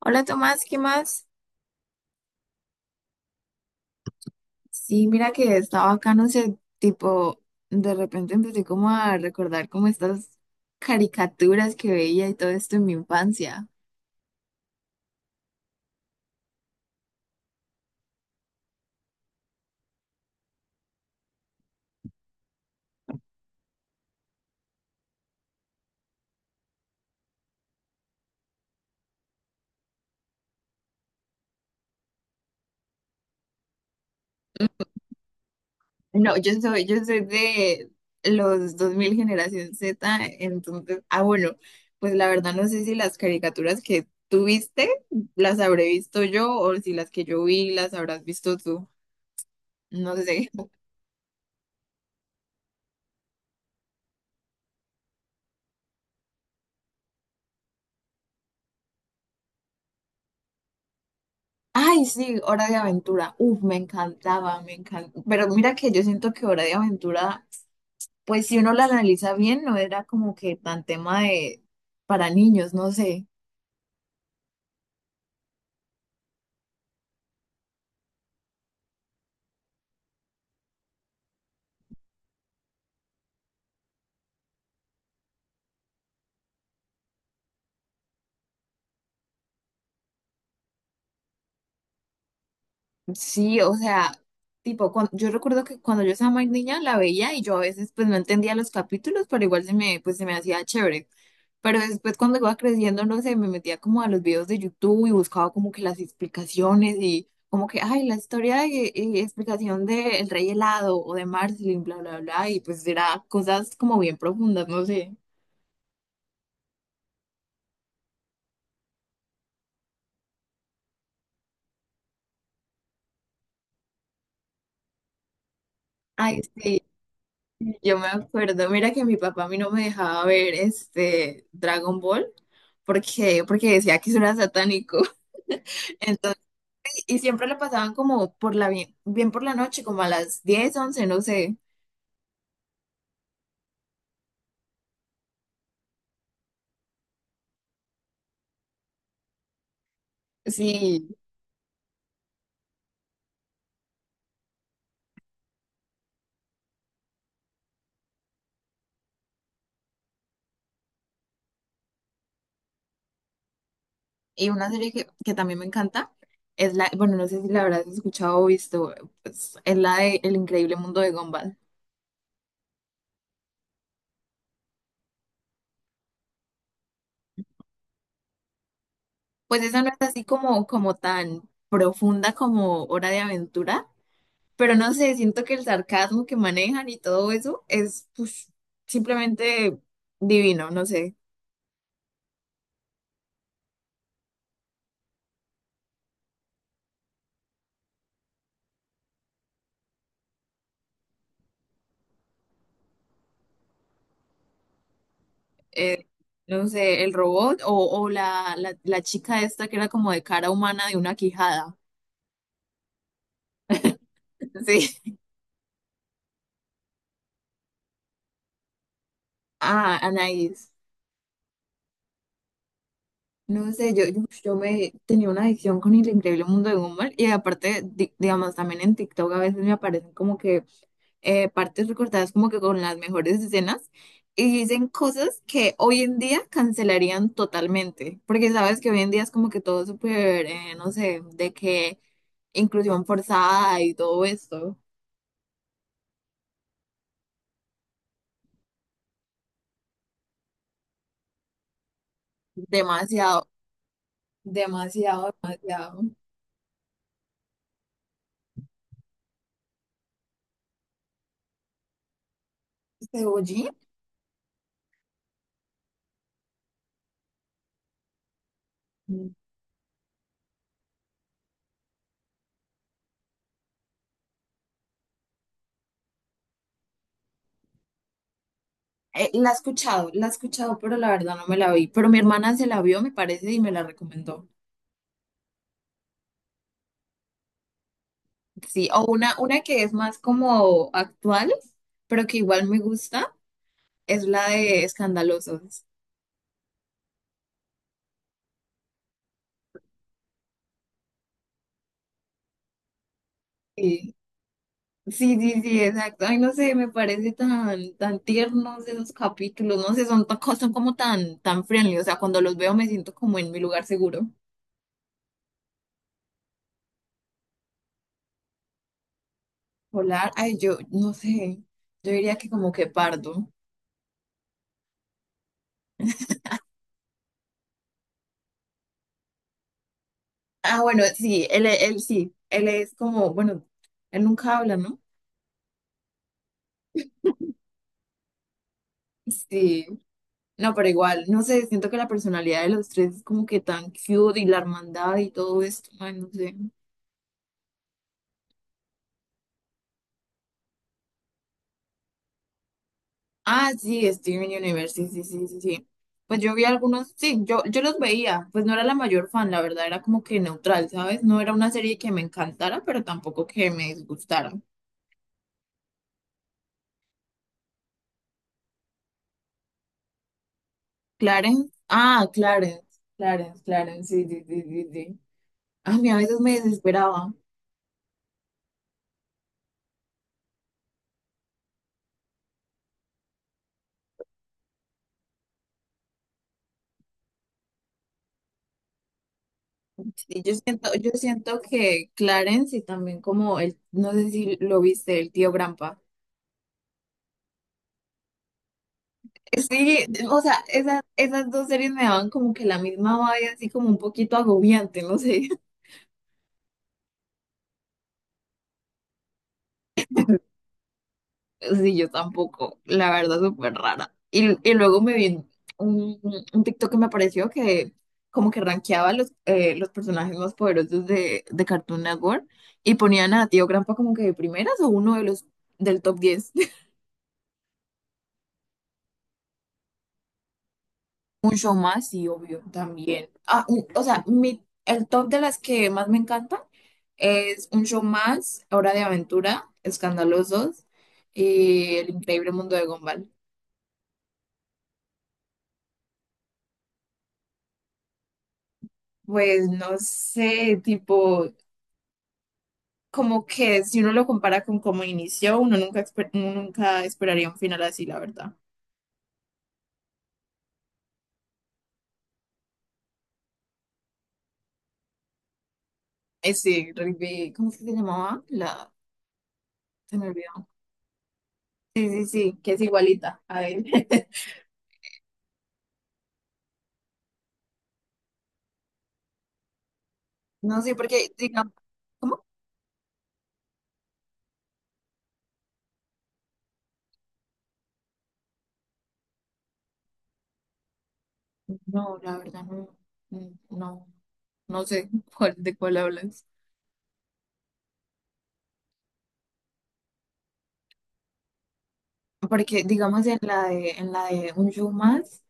Hola Tomás, ¿qué más? Sí, mira que estaba acá, no sé, tipo, de repente empecé como a recordar como estas caricaturas que veía y todo esto en mi infancia. No, yo soy de los dos mil, generación Z, entonces, ah, bueno, pues la verdad no sé si las caricaturas que tú viste las habré visto yo, o si las que yo vi las habrás visto tú, no sé. Ay, sí, Hora de Aventura. Uf, me encantaba, me encantaba. Pero mira que yo siento que Hora de Aventura, pues si uno la analiza bien, no era como que tan tema de para niños, no sé. Sí, o sea, tipo, yo recuerdo que cuando yo estaba más niña la veía, y yo a veces pues no entendía los capítulos, pero igual se me, pues, se me hacía chévere. Pero después cuando iba creciendo, no sé, me metía como a los videos de YouTube y buscaba como que las explicaciones, y como que, ay, y explicación de El Rey Helado o de Marceline, bla, bla, bla, y pues era cosas como bien profundas, no sé. Ay, sí, yo me acuerdo, mira que mi papá a mí no me dejaba ver este Dragon Ball, porque decía que eso era satánico. Entonces, y siempre lo pasaban como por la bien, bien por la noche, como a las 10 once, no sé. Sí, y una serie que también me encanta es la, bueno, no sé si la habrás escuchado o visto, pues, es la de El Increíble Mundo de Gumball. Pues esa no es así como, como tan profunda como Hora de Aventura, pero no sé, siento que el sarcasmo que manejan y todo eso es, pues, simplemente divino, no sé. eh, no sé, el robot, o o la chica esta que era como de cara humana, de una quijada. Sí. Ah, Anaís. No sé, yo me tenía una adicción con El Increíble Mundo de Gumball, y aparte, digamos, también en TikTok a veces me aparecen como que partes recortadas como que con las mejores escenas, y dicen cosas que hoy en día cancelarían totalmente, porque sabes que hoy en día es como que todo súper, no sé, de que inclusión forzada y todo esto. Demasiado, demasiado, demasiado. Cebollín. Mm. La he escuchado, pero la verdad no me la vi. Pero mi hermana se la vio, me parece, y me la recomendó. Sí, o una que es más como actual, pero que igual me gusta, es la de Escandalosos. Sí, sí, sí, sí, exacto. Ay, no sé, me parece tan, tan tiernos esos capítulos, no sé, son, son como tan, tan friendly. O sea, cuando los veo me siento como en mi lugar seguro. Polar, ay, yo no sé, yo diría que como que pardo. Ah, bueno, sí, él sí, él es como, bueno, él nunca habla, ¿no? Sí, no, pero igual, no sé, siento que la personalidad de los tres es como que tan cute, y la hermandad y todo esto, ay, no sé. Ah, sí, Steven Universe, sí, sí, sí, sí, sí. Pues yo vi algunos, sí, yo los veía, pues no era la mayor fan, la verdad, era como que neutral, ¿sabes? No era una serie que me encantara, pero tampoco que me disgustara. Clarence, ah, Clarence, Clarence, Clarence, sí, sí, sí, sí, sí. A mí a veces me desesperaba. Y yo siento que Clarence y también como el, no sé si lo viste, el tío Grampa. Sí, o sea, esas, esas dos series me daban como que la misma vaya, así como un poquito agobiante, no sé. Sí, yo tampoco, la verdad, súper rara. Y luego me vi un, un TikTok que me apareció, que como que rankeaba los personajes más poderosos de Cartoon Network, y ponían a Tío Grampa como que de primeras, o uno de los del top 10. Un show más, sí, obvio, también. Ah, o sea, mi, el top de las que más me encantan es Un Show Más, Hora de Aventura, Escandalosos y El Increíble Mundo de Gumball. Pues no sé, tipo... como que si uno lo compara con cómo inició, uno nunca, uno nunca esperaría un final así, la verdad. Ese rugby, ¿cómo es que se llamaba? La, se me olvidó. Sí, sí, sí, que es igualita. A ver. No sé, porque, digamos, ¿cómo? No, la verdad, no, no, no, no sé cuál, de cuál hablas. Porque, digamos, en la de Un Show Más,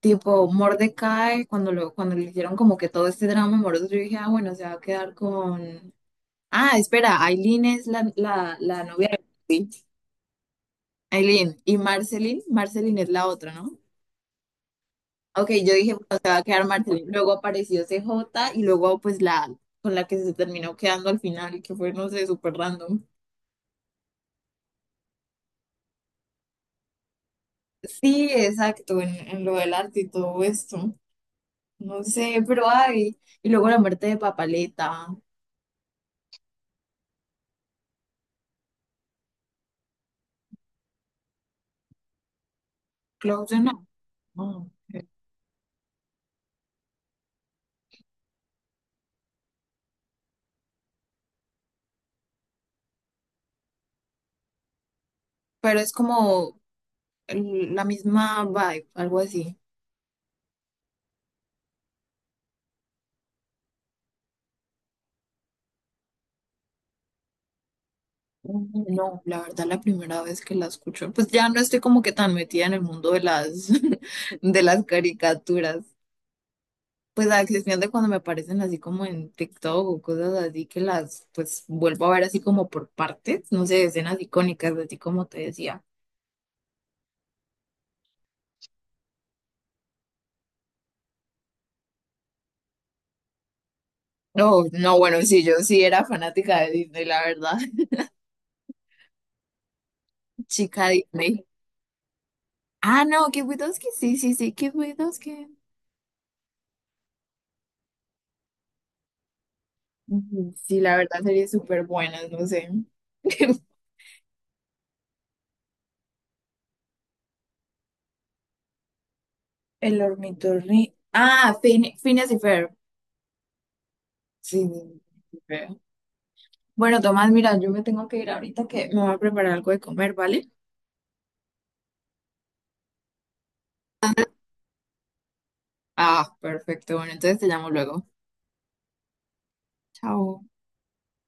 tipo Mordecai, cuando lo, cuando le hicieron como que todo este drama amoroso, yo dije, ah, bueno, se va a quedar con... Ah, espera, Aileen es la novia de, sí. Aileen y Marceline, Marceline es la otra, ¿no? Ok, yo dije, bueno, se va a quedar Marceline. Luego apareció CJ, y luego pues la, con la que se terminó quedando al final, que fue, no sé, súper random. Sí, exacto, en lo del arte y todo esto. No sé, pero ay. Y luego la muerte de Papaleta. Claudia no. No. Pero es como la misma vibe, algo así. Mm. No, la verdad, la primera vez que la escucho, pues ya no estoy como que tan metida en el mundo de las, de las caricaturas. Pues a excepción de cuando me aparecen así como en TikTok o cosas así, que las, pues vuelvo a ver así como por partes, no sé, escenas icónicas, así como te decía. No, no, bueno, sí, yo sí era fanática de Disney, la verdad. Chica Disney. Ah, no, Kid Widoski, sí, sí, sí, Kid Widoski. Ujú. Sí, la verdad, sería súper buenas, no sé. El ornitorrinco. Ah, Fin, Phineas y Ferb. Sí, ni... Bueno, Tomás, mira, yo me tengo que ir ahorita, que me voy a preparar algo de comer, ¿vale? Ah, perfecto. Bueno, entonces te llamo luego. Chao.